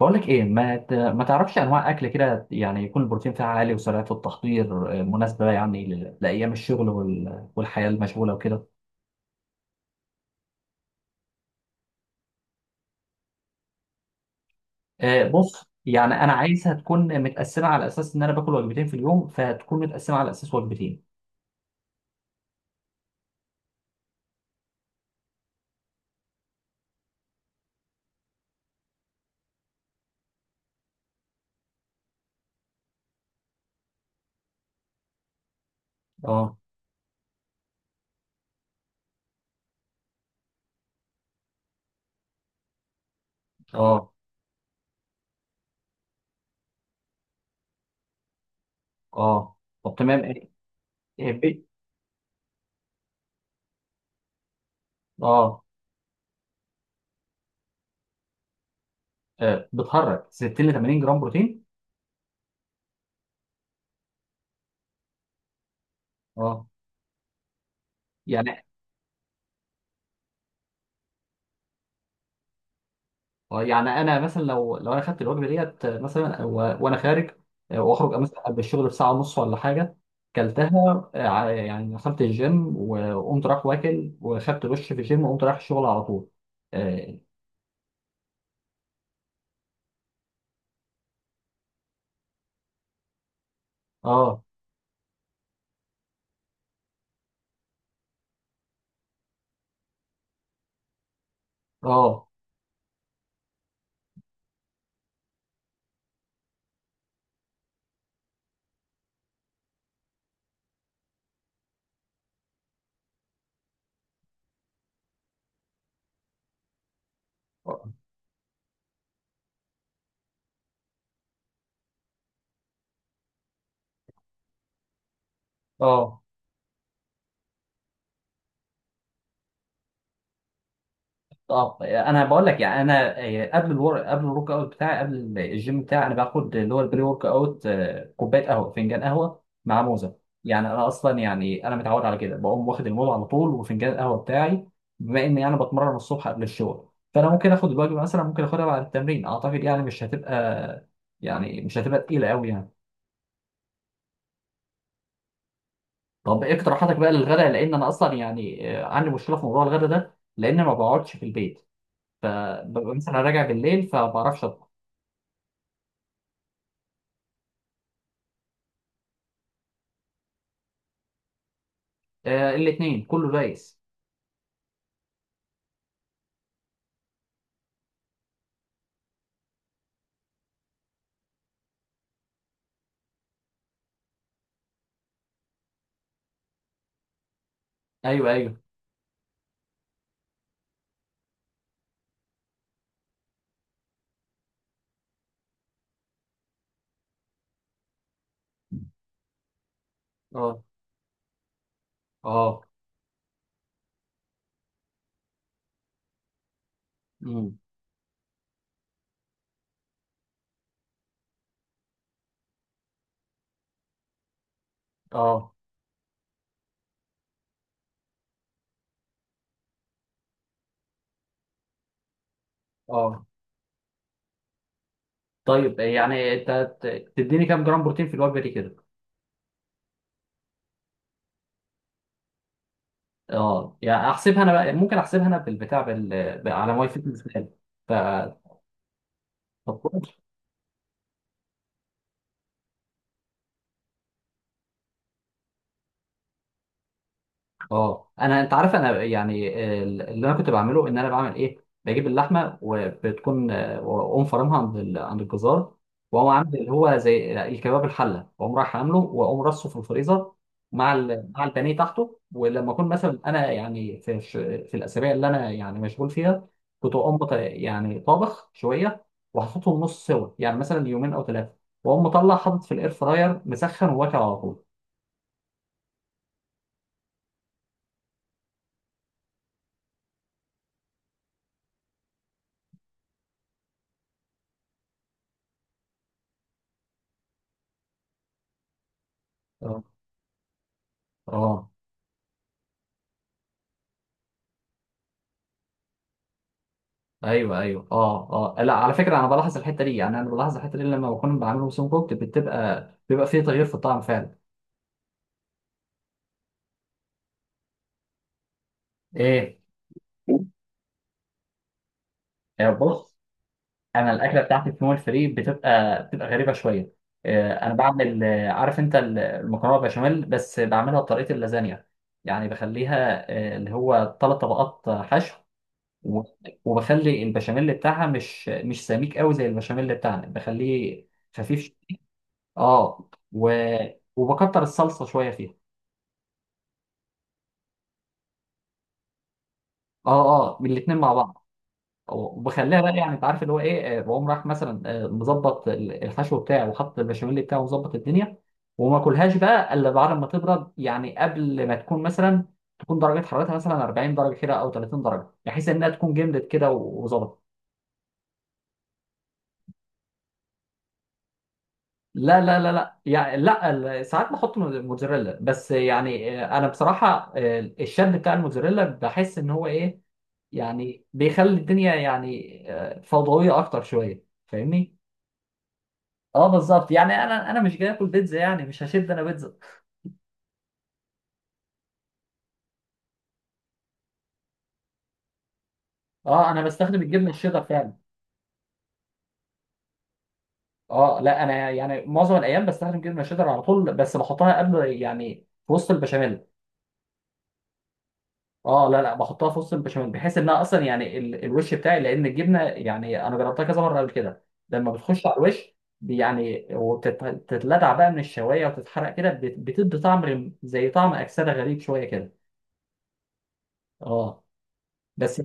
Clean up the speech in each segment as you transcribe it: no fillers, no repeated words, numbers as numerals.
بقول لك ايه، ما تعرفش انواع اكل كده يعني يكون البروتين فيها عالي وسرعه التحضير مناسبه يعني لايام الشغل والحياه المشغوله وكده. بص يعني انا عايزها تكون متقسمه على اساس ان انا باكل وجبتين في اليوم، فهتكون متقسمه على اساس وجبتين. اه. اه. اه. طب تمام. إيه بي- اه. بتهرج 60 ل 80 جرام بروتين. اه، يعني يعني انا مثلا لو انا خدت الوجبه ديت، مثلا وانا خارج، واخرج مثلا قبل الشغل بساعه ونص ولا حاجه، كلتها، يعني دخلت الجيم وقمت رايح واكل وخدت دش في الجيم وقمت رايح الشغل على طول. اه. اه. اه. آه. اه، انا بقول لك يعني انا قبل الورك اوت بتاعي، قبل الجيم بتاعي، انا باخد اللي هو البري ورك اوت، كوبايه قهوه، فنجان قهوه مع موزه. يعني انا اصلا، يعني انا متعود على كده، بقوم واخد الموز على طول وفنجان القهوه بتاعي. بما اني انا بتمرن الصبح قبل الشغل، فانا ممكن اخد الوجبه مثلا، ممكن اخدها بعد التمرين، اعتقد يعني مش هتبقى، يعني مش هتبقى تقيله قوي يعني. طب ايه اقتراحاتك بقى للغداء؟ لان انا اصلا يعني عندي مشكله في موضوع الغداء ده، لان ما بقعدش في البيت، فببقى مثلا راجع بالليل، فما بعرفش. آه، الاثنين كله دايس. ايوه ايوه. اه اه. امم. اه. اه. طيب، يعني انت تديني كام جرام بروتين في الوجبه دي كده؟ اه، يعني احسبها انا بقى، ممكن احسبها انا على ماي فيتنس بال. ف. طب كويس. اه، انا، انت عارف، انا يعني اللي انا كنت بعمله ان انا بعمل ايه؟ بجيب اللحمه وبتكون واقوم فرمها عند عند الجزار، واقوم عامل اللي هو زي الكباب الحله، واقوم رايح عامله، واقوم رصه في الفريزر مع مع البانيه تحته. ولما اكون مثلا انا، يعني في في الاسابيع اللي انا يعني مشغول فيها، كنت اقوم يعني طابخ شويه وحاططهم نص سوا، يعني مثلا يومين او ثلاثه، واقوم مطلع حاطط في الاير فراير مسخن وواكل على طول. اه. اه. ايوه ايوه، اه اه. لا، على فكره انا بلاحظ الحته دي، يعني انا بلاحظ الحته دي لما بكون بعمله سون كوكت، بتبقى، بيبقى فيه تغيير في الطعم فعلا. ايه؟ بص، انا الاكله بتاعتي في مول فري بتبقى، بتبقى غريبه شويه. انا بعمل، عارف انت المكرونه بشاميل؟ بس بعملها بطريقه اللازانيا، يعني بخليها اللي هو ثلاث طبقات، حشو و- وبخلي البشاميل بتاعها مش سميك قوي زي البشاميل بتاعنا، بخليه خفيف اه وبكتر الصلصه شويه فيها. اه. اه، الاثنين مع بعض. وبخليها بقى، يعني انت عارف اللي هو ايه، بقوم رايح مثلا مظبط الحشو بتاعي وحاطط البشاميل بتاعه ومظبط الدنيا. وما اكلهاش بقى الا بعد ما تبرد، يعني قبل ما تكون مثلا، تكون درجه حرارتها مثلا 40 درجه كده او 30 درجه، بحيث انها تكون جمدت كده وظبطت. لا لا لا لا، يعني لا، ساعات بحط موتزاريلا، بس يعني انا بصراحه الشد بتاع الموتزاريلا بحس ان هو ايه، يعني بيخلي الدنيا يعني فوضويه اكتر شويه، فاهمني. اه بالظبط، يعني انا مش جاي اكل بيتزا، يعني مش هشد انا بيتزا. اه، انا بستخدم الجبنه الشيدر فعلا. اه لا، انا يعني معظم الايام بستخدم جبنه الشيدر على طول، بس بحطها قبل يعني في وسط البشاميل. اه لا لا، بحطها في وسط البشاميل، بحيث انها اصلا يعني الوش بتاعي، لان الجبنه، يعني انا جربتها كذا مره قبل كده، لما بتخش على الوش يعني وتتلدع بقى من الشوايه وتتحرق كده، بتدي طعم زي طعم اكسده غريب شويه كده. اه. بس.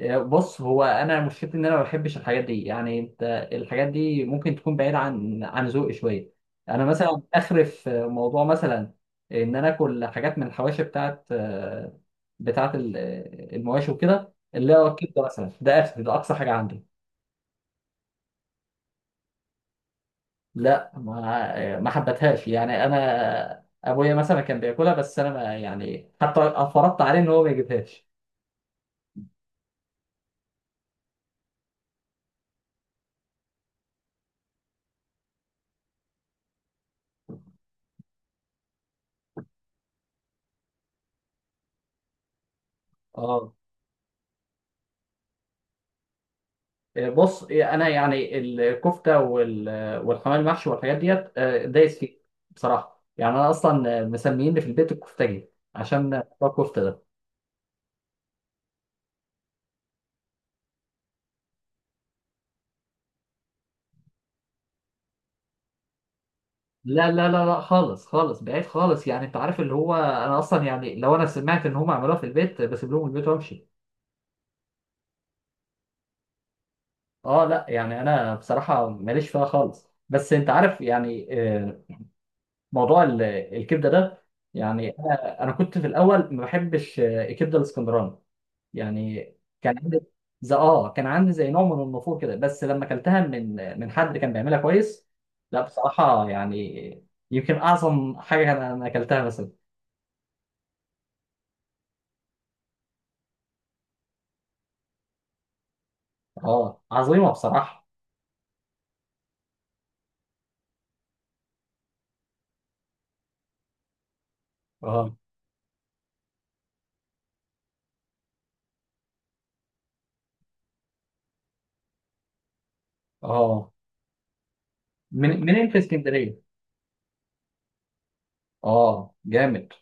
بص، هو انا مشكلتي ان انا ما بحبش الحاجات دي، يعني انت الحاجات دي ممكن تكون بعيده عن عن ذوقي شويه. انا مثلا اخر في موضوع مثلا ان انا اكل حاجات من الحواشي بتاعت، بتاعت المواشي وكده، اللي هو الكبده مثلا، ده اخر، ده اقصى حاجه عندي. لا، ما حبتهاش، يعني انا ابويا مثلا كان بياكلها، بس انا ما يعني، حتى فرضت عليه ان هو ما يجيبهاش. اه، بص، انا يعني الكفته والحمام المحشي والحاجات ديت دايس فيه بصراحه، يعني انا اصلا مسميني في البيت الكفتاجي عشان بتاع الكفته ده. لا لا لا لا، خالص خالص، بعيد خالص، يعني انت عارف اللي هو انا اصلا يعني لو انا سمعت ان هم عملوها في البيت بسيب لهم البيت وامشي. اه لا، يعني انا بصراحه ماليش فيها خالص، بس انت عارف يعني آه، موضوع ال- الكبده ده، يعني انا كنت في الاول ما بحبش الكبده الاسكندراني، يعني كان عندي زي اه، كان عندي زي نوع من النفور كده، بس لما اكلتها من من حد كان بيعملها كويس، لا بصراحة يعني يمكن أعظم حاجة أنا أكلتها مثلا. اه، عظيمة بصراحة. اه اه. من منين في اسكندرية؟ اه، جامد.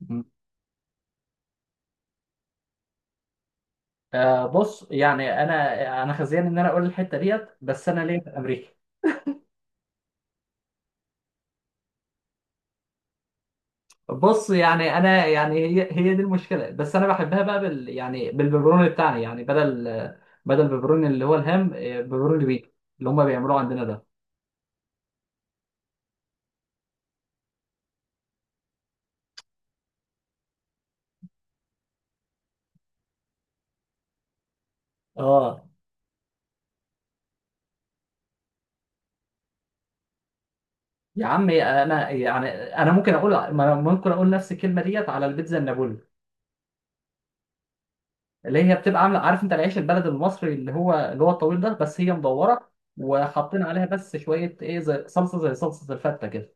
مم. آه بص، يعني أنا خزيان إن أنا أقول الحتة ديت، بس أنا ليه في أمريكا. بص يعني انا يعني هي دي المشكله، بس انا بحبها بقى بال، يعني بالبيبروني بتاعنا، يعني بدل بدل البيبروني اللي هو الهام، بيبروني بيتو اللي هم بيعملوه عندنا ده. اه، يا عم انا يعني، انا ممكن اقول ما أنا ممكن اقول نفس الكلمه ديت على البيتزا النابولي، اللي هي بتبقى عامله، عارف انت العيش البلد المصري اللي هو، الطويل ده، بس هي مدوره وحاطين عليها بس شويه ايه، زي صلصه، زي صلصه الفته كده.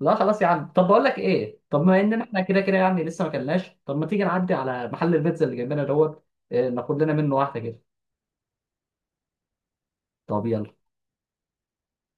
لا خلاص يا عم، طب بقول لك ايه، طب ما ان احنا كده كده يعني لسه ما كلناش، طب ما تيجي نعدي على محل البيتزا اللي جنبنا دوت، ناخد لنا منه واحده كده. طب يلا.